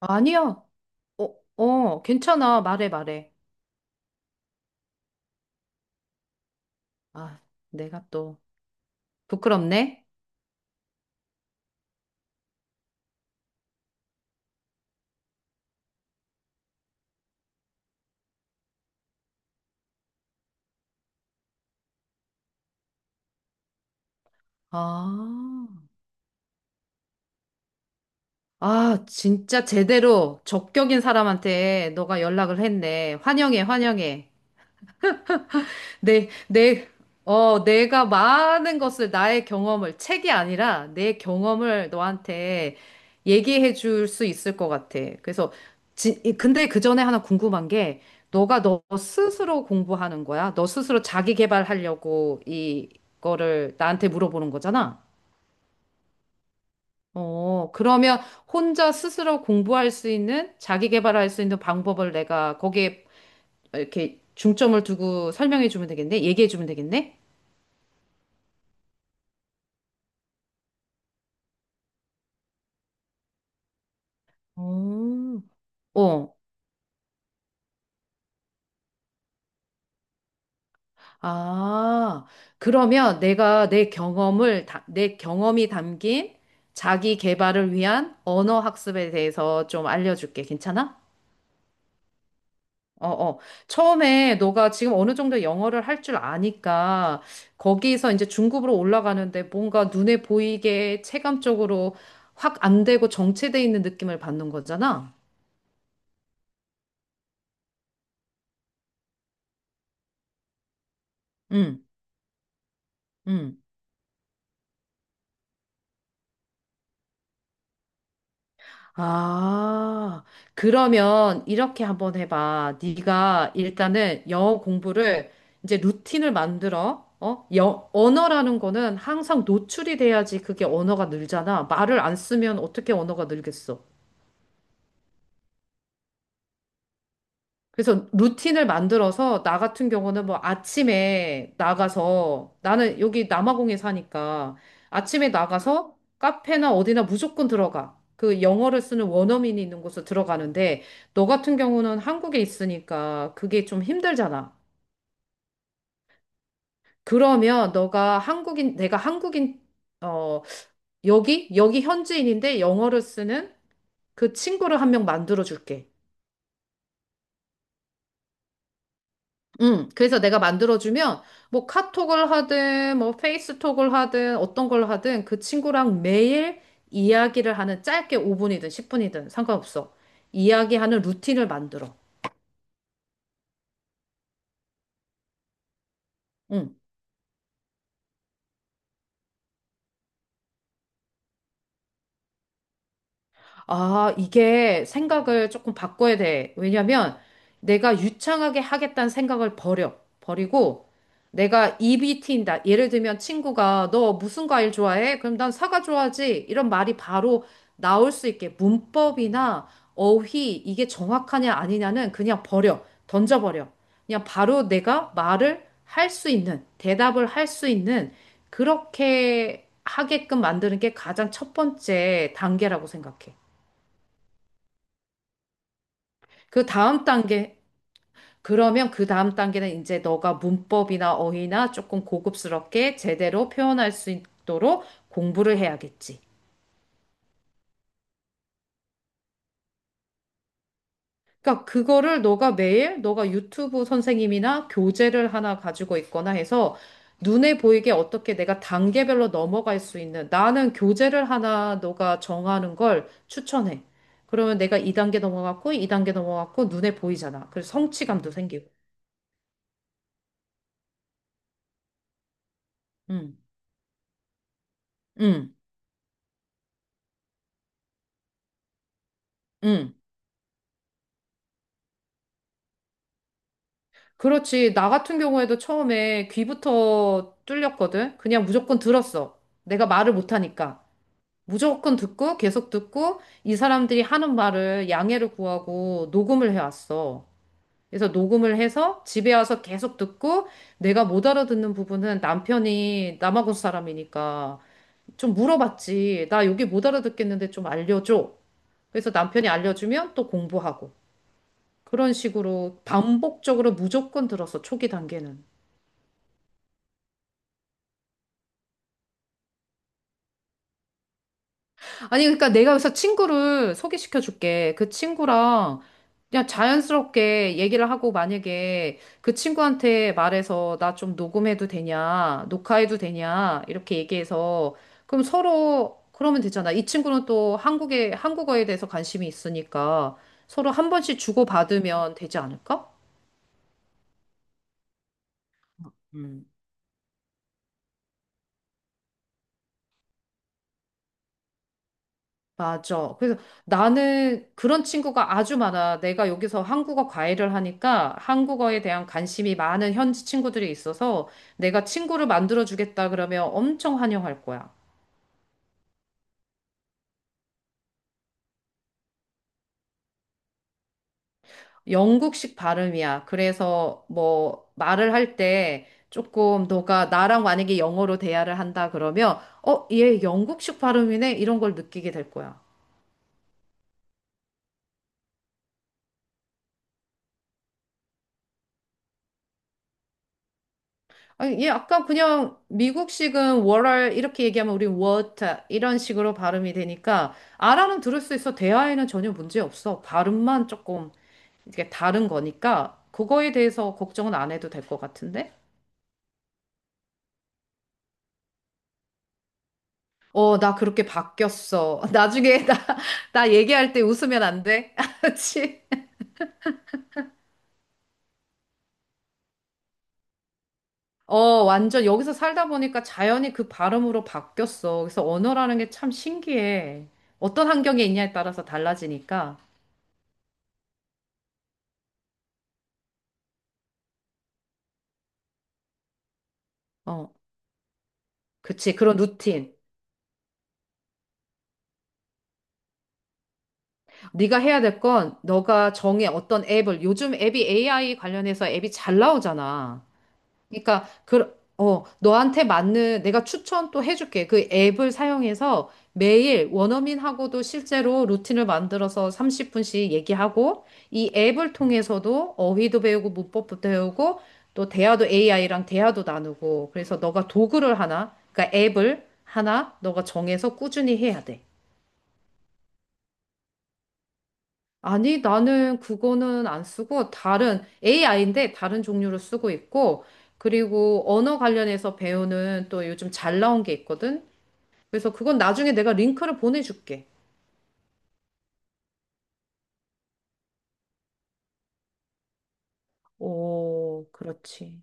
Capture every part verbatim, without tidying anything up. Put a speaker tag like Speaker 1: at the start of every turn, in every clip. Speaker 1: 아니야. 어, 어, 괜찮아. 말해, 말해. 아, 내가 또 부끄럽네. 아, 아, 진짜 제대로 적격인 사람한테 너가 연락을 했네. 환영해, 환영해. 내, 내, 어, 내가 많은 것을, 나의 경험을, 책이 아니라 내 경험을 너한테 얘기해 줄 수 있을 것 같아. 그래서, 지, 이- 근데 그 전에 하나 궁금한 게, 너가 너 스스로 공부하는 거야? 너 스스로 자기 개발하려고 이거를 나한테 물어보는 거잖아? 어, 그러면 혼자 스스로 공부할 수 있는, 자기 개발할 수 있는 방법을 내가 거기에 이렇게 중점을 두고 설명해 주면 되겠네? 얘기해 주면 되겠네? 오. 어. 아, 그러면 내가 내 경험을, 다- 내 경험이 담긴 자기 개발을 위한 언어 학습에 대해서 좀 알려줄게. 괜찮아? 어, 어. 처음에 너가 지금 어느 정도 영어를 할 줄 아니까 거기서 이제 중급으로 올라가는데 뭔가 눈에 보이게 체감적으로 확 안 되고 정체돼 있는 느낌을 받는 거잖아. 응, 응. 아, 그러면 이렇게 한번 해봐. 네가 일단은 영어 공부를 이제 루틴을 만들어. 어? 여, 언어라는 거는 항상 노출이 돼야지 그게 언어가 늘잖아. 말을 안 쓰면 어떻게 언어가 늘겠어? 그래서 루틴을 만들어서 나 같은 경우는 뭐 아침에 나가서 나는 여기 남아공에 사니까 아침에 나가서 카페나 어디나 무조건 들어가. 그 영어를 쓰는 원어민이 있는 곳으로 들어가는데 너 같은 경우는 한국에 있으니까 그게 좀 힘들잖아. 그러면 너가 한국인, 내가 한국인, 어, 여기, 여기 현지인인데 영어를 쓰는 그 친구를 한 명 만들어 줄게. 음, 그래서 내가 만들어주면 뭐 카톡을 하든 뭐 페이스톡을 하든 어떤 걸 하든 그 친구랑 매일 이야기를 하는 짧게 오 분이든 십 분이든 상관없어. 이야기하는 루틴을 만들어. 응. 아, 이게 생각을 조금 바꿔야 돼. 왜냐면 내가 유창하게 하겠다는 생각을 버려. 버리고 내가 입이 트인다. 예를 들면 친구가 너 무슨 과일 좋아해? 그럼 난 사과 좋아하지. 이런 말이 바로 나올 수 있게 문법이나 어휘 이게 정확하냐 아니냐는 그냥 버려. 던져버려. 그냥 바로 내가 말을 할 수 있는, 대답을 할 수 있는 그렇게 하게끔 만드는 게 가장 첫 번째 단계라고 생각해. 그 다음 단계, 그러면 그 다음 단계는 이제 너가 문법이나 어휘나 조금 고급스럽게 제대로 표현할 수 있도록 공부를 해야겠지. 그러니까 그거를 너가 매일 너가 유튜브 선생님이나 교재를 하나 가지고 있거나 해서 눈에 보이게 어떻게 내가 단계별로 넘어갈 수 있는 나는 교재를 하나 너가 정하는 걸 추천해. 그러면 내가 이 단계 넘어갔고 이 단계 넘어갔고 눈에 보이잖아. 그래서 성취감도 생기고. 응, 응, 응. 그렇지. 나 같은 경우에도 처음에 귀부터 뚫렸거든. 그냥 무조건 들었어. 내가 말을 못하니까. 무조건 듣고 계속 듣고 이 사람들이 하는 말을 양해를 구하고 녹음을 해왔어. 그래서 녹음을 해서 집에 와서 계속 듣고 내가 못 알아듣는 부분은 남편이 남아공 사람이니까 좀 물어봤지. 나 여기 못 알아듣겠는데 좀 알려줘. 그래서 남편이 알려주면 또 공부하고. 그런 식으로 반복적으로 무조건 들었어. 초기 단계는. 아니, 그러니까 내가 여기서 친구를 소개시켜 줄게. 그 친구랑 그냥 자연스럽게 얘기를 하고 만약에 그 친구한테 말해서 나 좀 녹음해도 되냐, 녹화해도 되냐, 이렇게 얘기해서 그럼 서로 그러면 되잖아. 이 친구는 또 한국에, 한국어에 대해서 관심이 있으니까 서로 한 번씩 주고받으면 되지 않을까? 맞아. 그래서 나는 그런 친구가 아주 많아. 내가 여기서 한국어 과외를 하니까 한국어에 대한 관심이 많은 현지 친구들이 있어서 내가 친구를 만들어 주겠다 그러면 엄청 환영할 거야. 영국식 발음이야. 그래서 뭐 말을 할 때 조금 너가 나랑 만약에 영어로 대화를 한다 그러면 어, 얘 영국식 발음이네 이런 걸 느끼게 될 거야. 아, 얘 약간 그냥 미국식은 월알 이렇게 얘기하면 우리 워터 이런 식으로 발음이 되니까 알아는 들을 수 있어. 대화에는 전혀 문제 없어. 발음만 조금 이게 다른 거니까 그거에 대해서 걱정은 안 해도 될 것 같은데? 어, 나 그렇게 바뀌었어. 나중에 나, 나 얘기할 때 웃으면 안 돼? 알았지? 어, 완전 여기서 살다 보니까 자연히 그 발음으로 바뀌었어. 그래서 언어라는 게 참 신기해. 어떤 환경에 있냐에 따라서 달라지니까. 어. 그치, 그런 루틴. 네가 해야 될 건 너가 정해 어떤 앱을 요즘 앱이 에이아이 관련해서 앱이 잘 나오잖아. 그러니까 그 어, 너한테 맞는 내가 추천 또 해줄게. 그 앱을 사용해서 매일 원어민하고도 실제로 루틴을 만들어서 삼십 분씩 얘기하고 이 앱을 통해서도 어휘도 배우고 문법도 배우고 또 대화도 에이아이랑 대화도 나누고 그래서 너가 도구를 하나, 그러니까 앱을 하나 너가 정해서 꾸준히 해야 돼. 아니, 나는 그거는 안 쓰고 다른 에이아이인데 다른 종류로 쓰고 있고 그리고 언어 관련해서 배우는 또 요즘 잘 나온 게 있거든. 그래서 그건 나중에 내가 링크를 보내줄게. 오, 그렇지.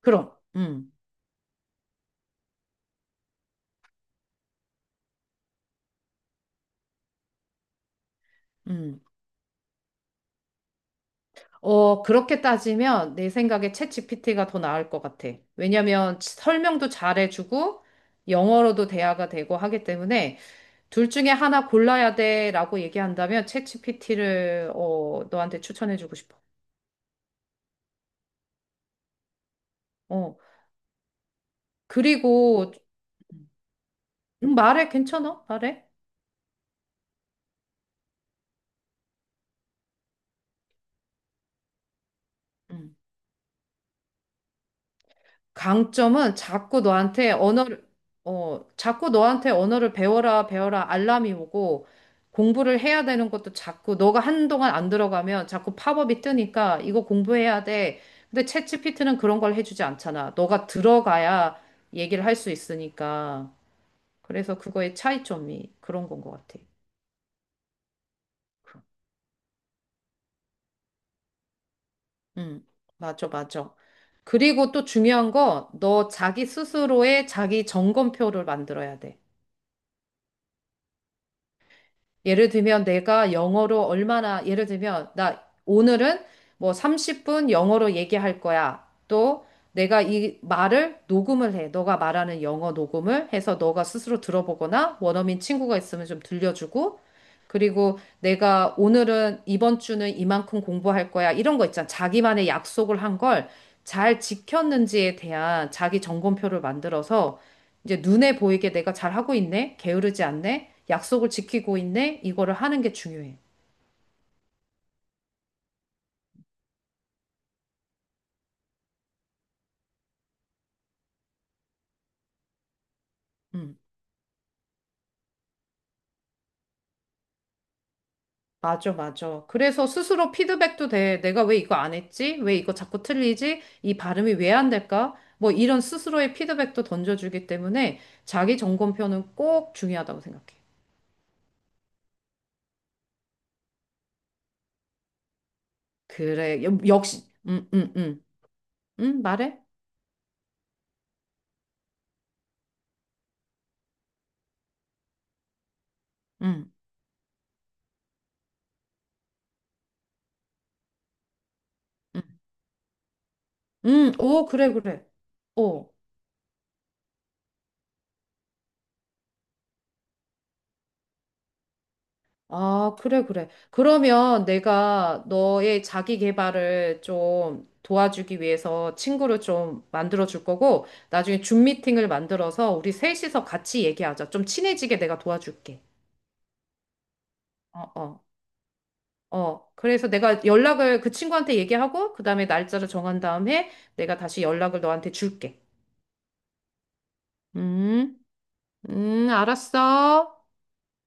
Speaker 1: 그럼, 음, 음. 어, 그렇게 따지면 내 생각에 챗지피티가 더 나을 것 같아. 왜냐면 설명도 잘해주고 영어로도 대화가 되고 하기 때문에 둘 중에 하나 골라야 돼라고 얘기한다면 챗지피티를 어, 너한테 추천해주고 싶어. 어. 그리고 음, 말해 괜찮아? 말해. 음. 강점은 자꾸 너한테 언어를 어, 자꾸 너한테 언어를 배워라 배워라 알람이 오고 공부를 해야 되는 것도 자꾸 너가 한동안 안 들어가면 자꾸 팝업이 뜨니까 이거 공부해야 돼. 근데 챗지피티는 그런 걸 해주지 않잖아. 너가 들어가야 얘기를 할 수 있으니까. 그래서 그거의 차이점이 그런 건 것 같아. 응, 맞아, 맞아. 그리고 또 중요한 거, 너 자기 스스로의 자기 점검표를 만들어야 돼. 예를 들면 내가 영어로 얼마나, 예를 들면 나 오늘은 뭐 삼십 분 영어로 얘기할 거야. 또 내가 이 말을 녹음을 해. 너가 말하는 영어 녹음을 해서 너가 스스로 들어보거나 원어민 친구가 있으면 좀 들려주고. 그리고 내가 오늘은 이번 주는 이만큼 공부할 거야. 이런 거 있잖아. 자기만의 약속을 한 걸 잘 지켰는지에 대한 자기 점검표를 만들어서 이제 눈에 보이게 내가 잘하고 있네, 게으르지 않네, 약속을 지키고 있네, 이거를 하는 게 중요해. 음, 맞아, 맞아. 그래서 스스로 피드백도 돼. 내가 왜 이거 안 했지? 왜 이거 자꾸 틀리지? 이 발음이 왜 안 될까? 뭐 이런 스스로의 피드백도 던져주기 때문에 자기 점검표는 꼭 중요하다고 생각해. 그래, 여- 역시. 음, 음, 음. 음, 말해? 음, 음. 음, 오, 그래, 그래. 어, 아, 그래, 그래. 그러면 내가 너의 자기 개발을 좀 도와주기 위해서 친구를 좀 만들어 줄 거고, 나중에 줌 미팅을 만들어서 우리 셋이서 같이 얘기하자. 좀 친해지게 내가 도와줄게. 어, 어, 어. 그래서 내가 연락을 그 친구한테 얘기하고, 그 다음에 날짜를 정한 다음에 내가 다시 연락을 너한테 줄게. 음, 음, 알았어.